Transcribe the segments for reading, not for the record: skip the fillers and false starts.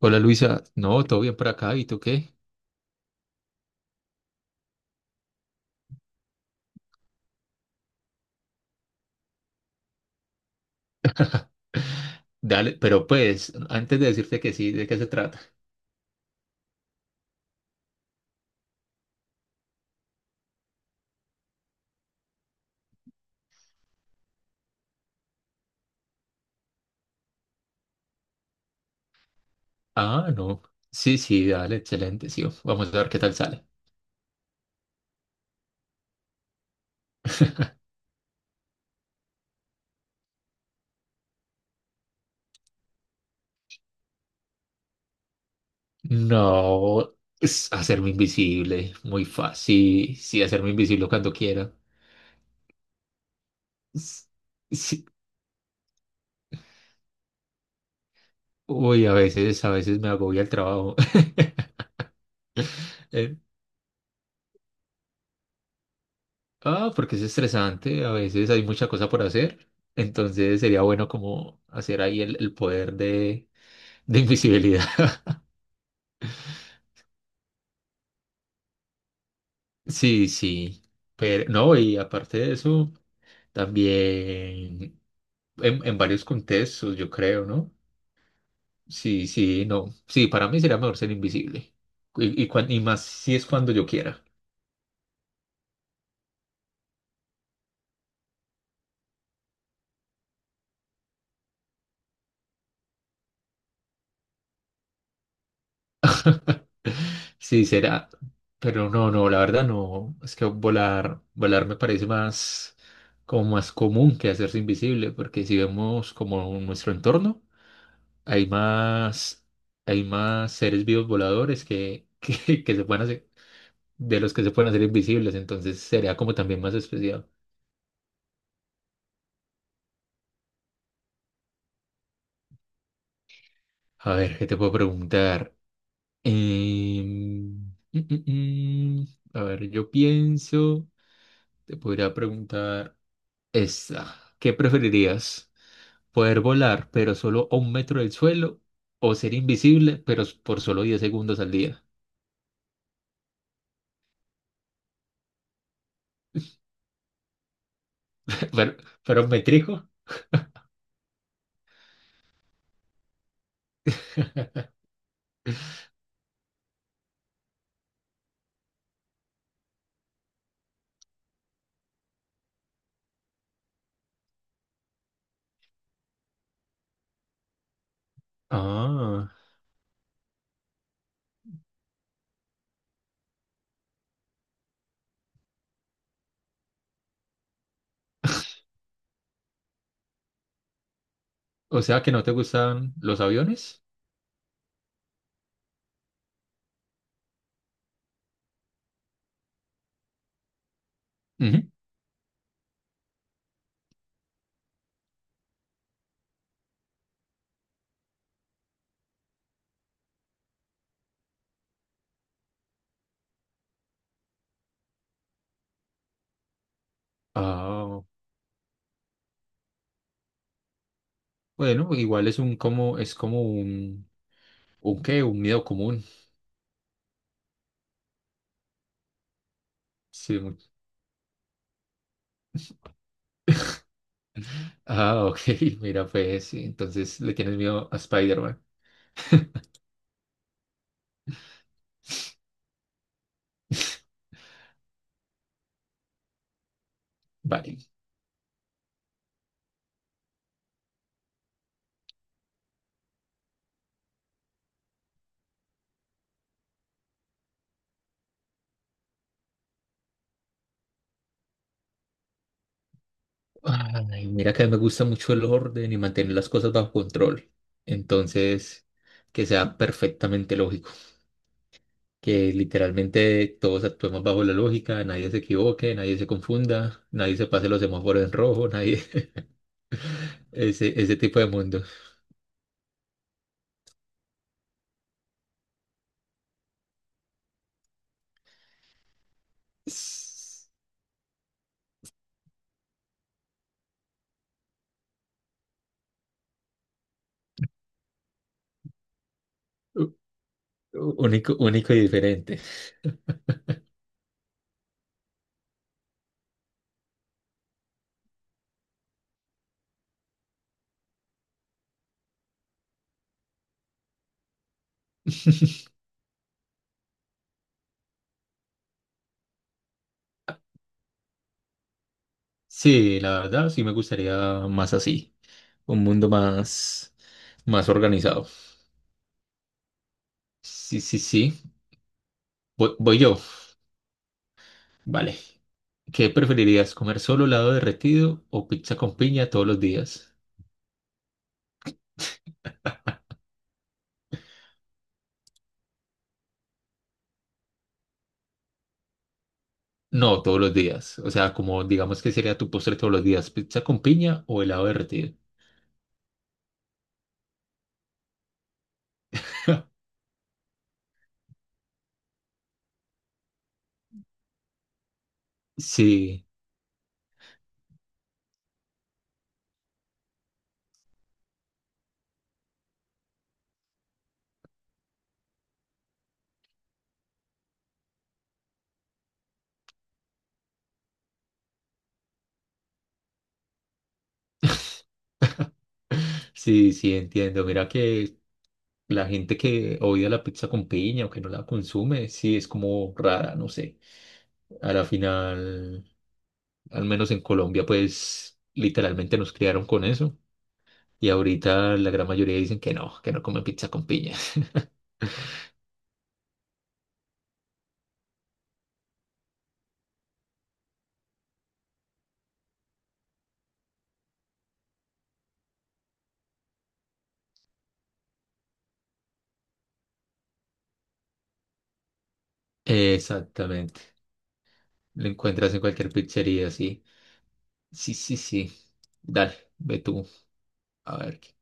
Hola Luisa, no, todo bien por acá, ¿y tú qué? Dale, pero pues, antes de decirte que sí, ¿de qué se trata? Ah, no, sí, sí, dale, excelente, sí, vamos a ver qué tal sale. No, es hacerme invisible, muy fácil, sí, hacerme invisible cuando quiera. S- Sí, uy, a veces me agobia el trabajo. Eh, Ah, porque es estresante, a veces hay mucha cosa por hacer, entonces sería bueno como hacer ahí el poder de invisibilidad. Sí, sí, pero no, y aparte de eso, también en varios contextos, yo creo, ¿no? Sí, sí, no, sí, para mí sería mejor ser invisible y más si es cuando yo quiera. Sí, será. Pero no, no, la verdad no. Es que volar me parece más, como más común que hacerse invisible, porque si vemos como nuestro entorno, hay más, hay más seres vivos voladores que, que se pueden hacer, de los que se pueden hacer invisibles, entonces sería como también más especial. A ver, ¿qué te puedo preguntar? Em, mm, mm, mm. A ver, yo pienso, te podría preguntar. Esta, ¿Qué preferirías? ¿Poder volar, pero solo a 1 metro del suelo? ¿O ser invisible, pero por solo 10 segundos al día? ¿Pero, pero un metrico? Ah, o sea que no te gustan los aviones. Ujú. Ah, bueno, igual es un como, es como un, un miedo común. Sí. Ah, ok, mira, pues sí, entonces le tienes miedo a Spider-Man. Vale. Ay, mira que me gusta mucho el orden y mantener las cosas bajo control. Entonces, que sea perfectamente lógico, que literalmente todos actuemos bajo la lógica, nadie se equivoque, nadie se confunda, nadie se pase los semáforos en rojo, nadie, ese tipo de mundo. Es ú- Único, único y diferente. Sí, la verdad, sí me gustaría más así, un mundo más, más organizado. Sí, sí, sí. Voy yo. Vale. ¿Qué preferirías, comer solo helado derretido o pizza con piña todos los días? No, todos los días. O sea, como digamos que sería tu postre todos los días, pizza con piña o helado derretido. Sí, sí, sí, entiendo. Mira que la gente que odia la pizza con piña o que no la consume, sí, es como rara, no sé. A la final, al menos en Colombia, pues literalmente nos criaron con eso. Y ahorita la gran mayoría dicen que no comen pizza con piña. Exactamente. Lo encuentras en cualquier pizzería, sí. Sí, sí, sí. Dale, ve tú. A ver.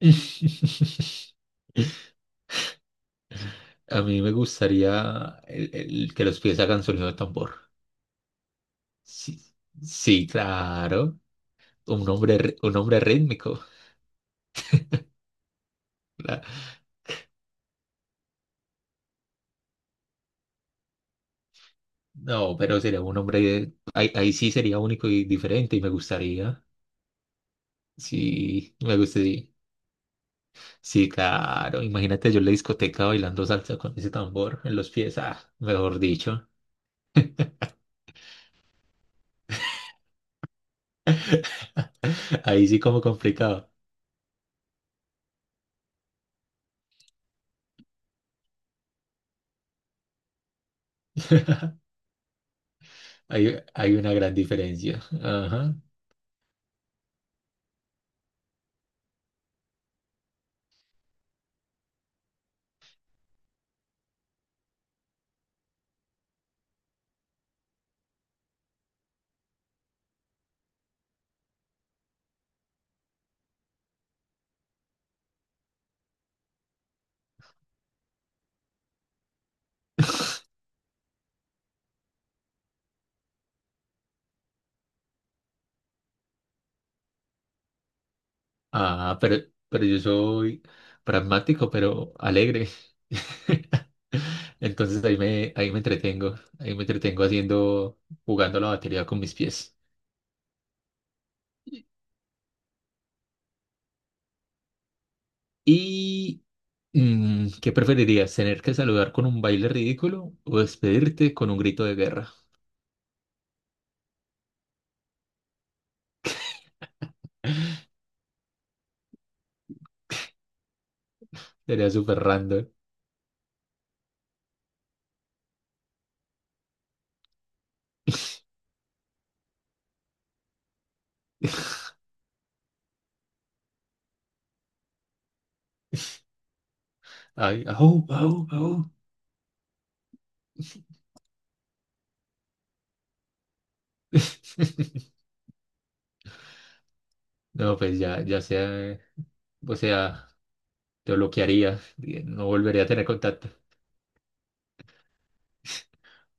A mí me gustaría el que los pies hagan sonido de tambor. Sí, sí, claro. Un hombre rítmico. La- No, pero sería un hombre. Ahí sí sería único y diferente y me gustaría. Sí, me gustaría. Sí, sí, claro. Imagínate yo en la discoteca bailando salsa con ese tambor en los pies. Ah, mejor dicho. Ahí sí como complicado. Hay una gran diferencia. Ajá. Ah, pero yo soy pragmático, pero alegre. Entonces ahí me entretengo. Ahí me entretengo haciendo, jugando la batería con mis pies. ¿Y qué preferirías? ¿Tener que saludar con un baile ridículo o despedirte con un grito de guerra? Sería súper random. Ay, au, au, au. No, pues ya sea, o sea, te bloquearía, y no volvería a tener contacto.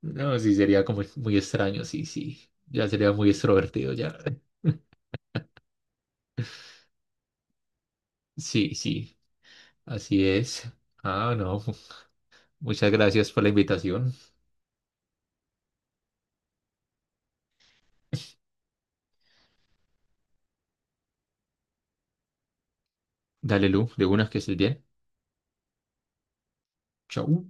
No, sí, sería como muy extraño, sí, sí. Ya sería muy extrovertido, ya. Sí, sí, así es. Ah, no, muchas gracias por la invitación. Dale, Lu, de una que estés bien. Chau.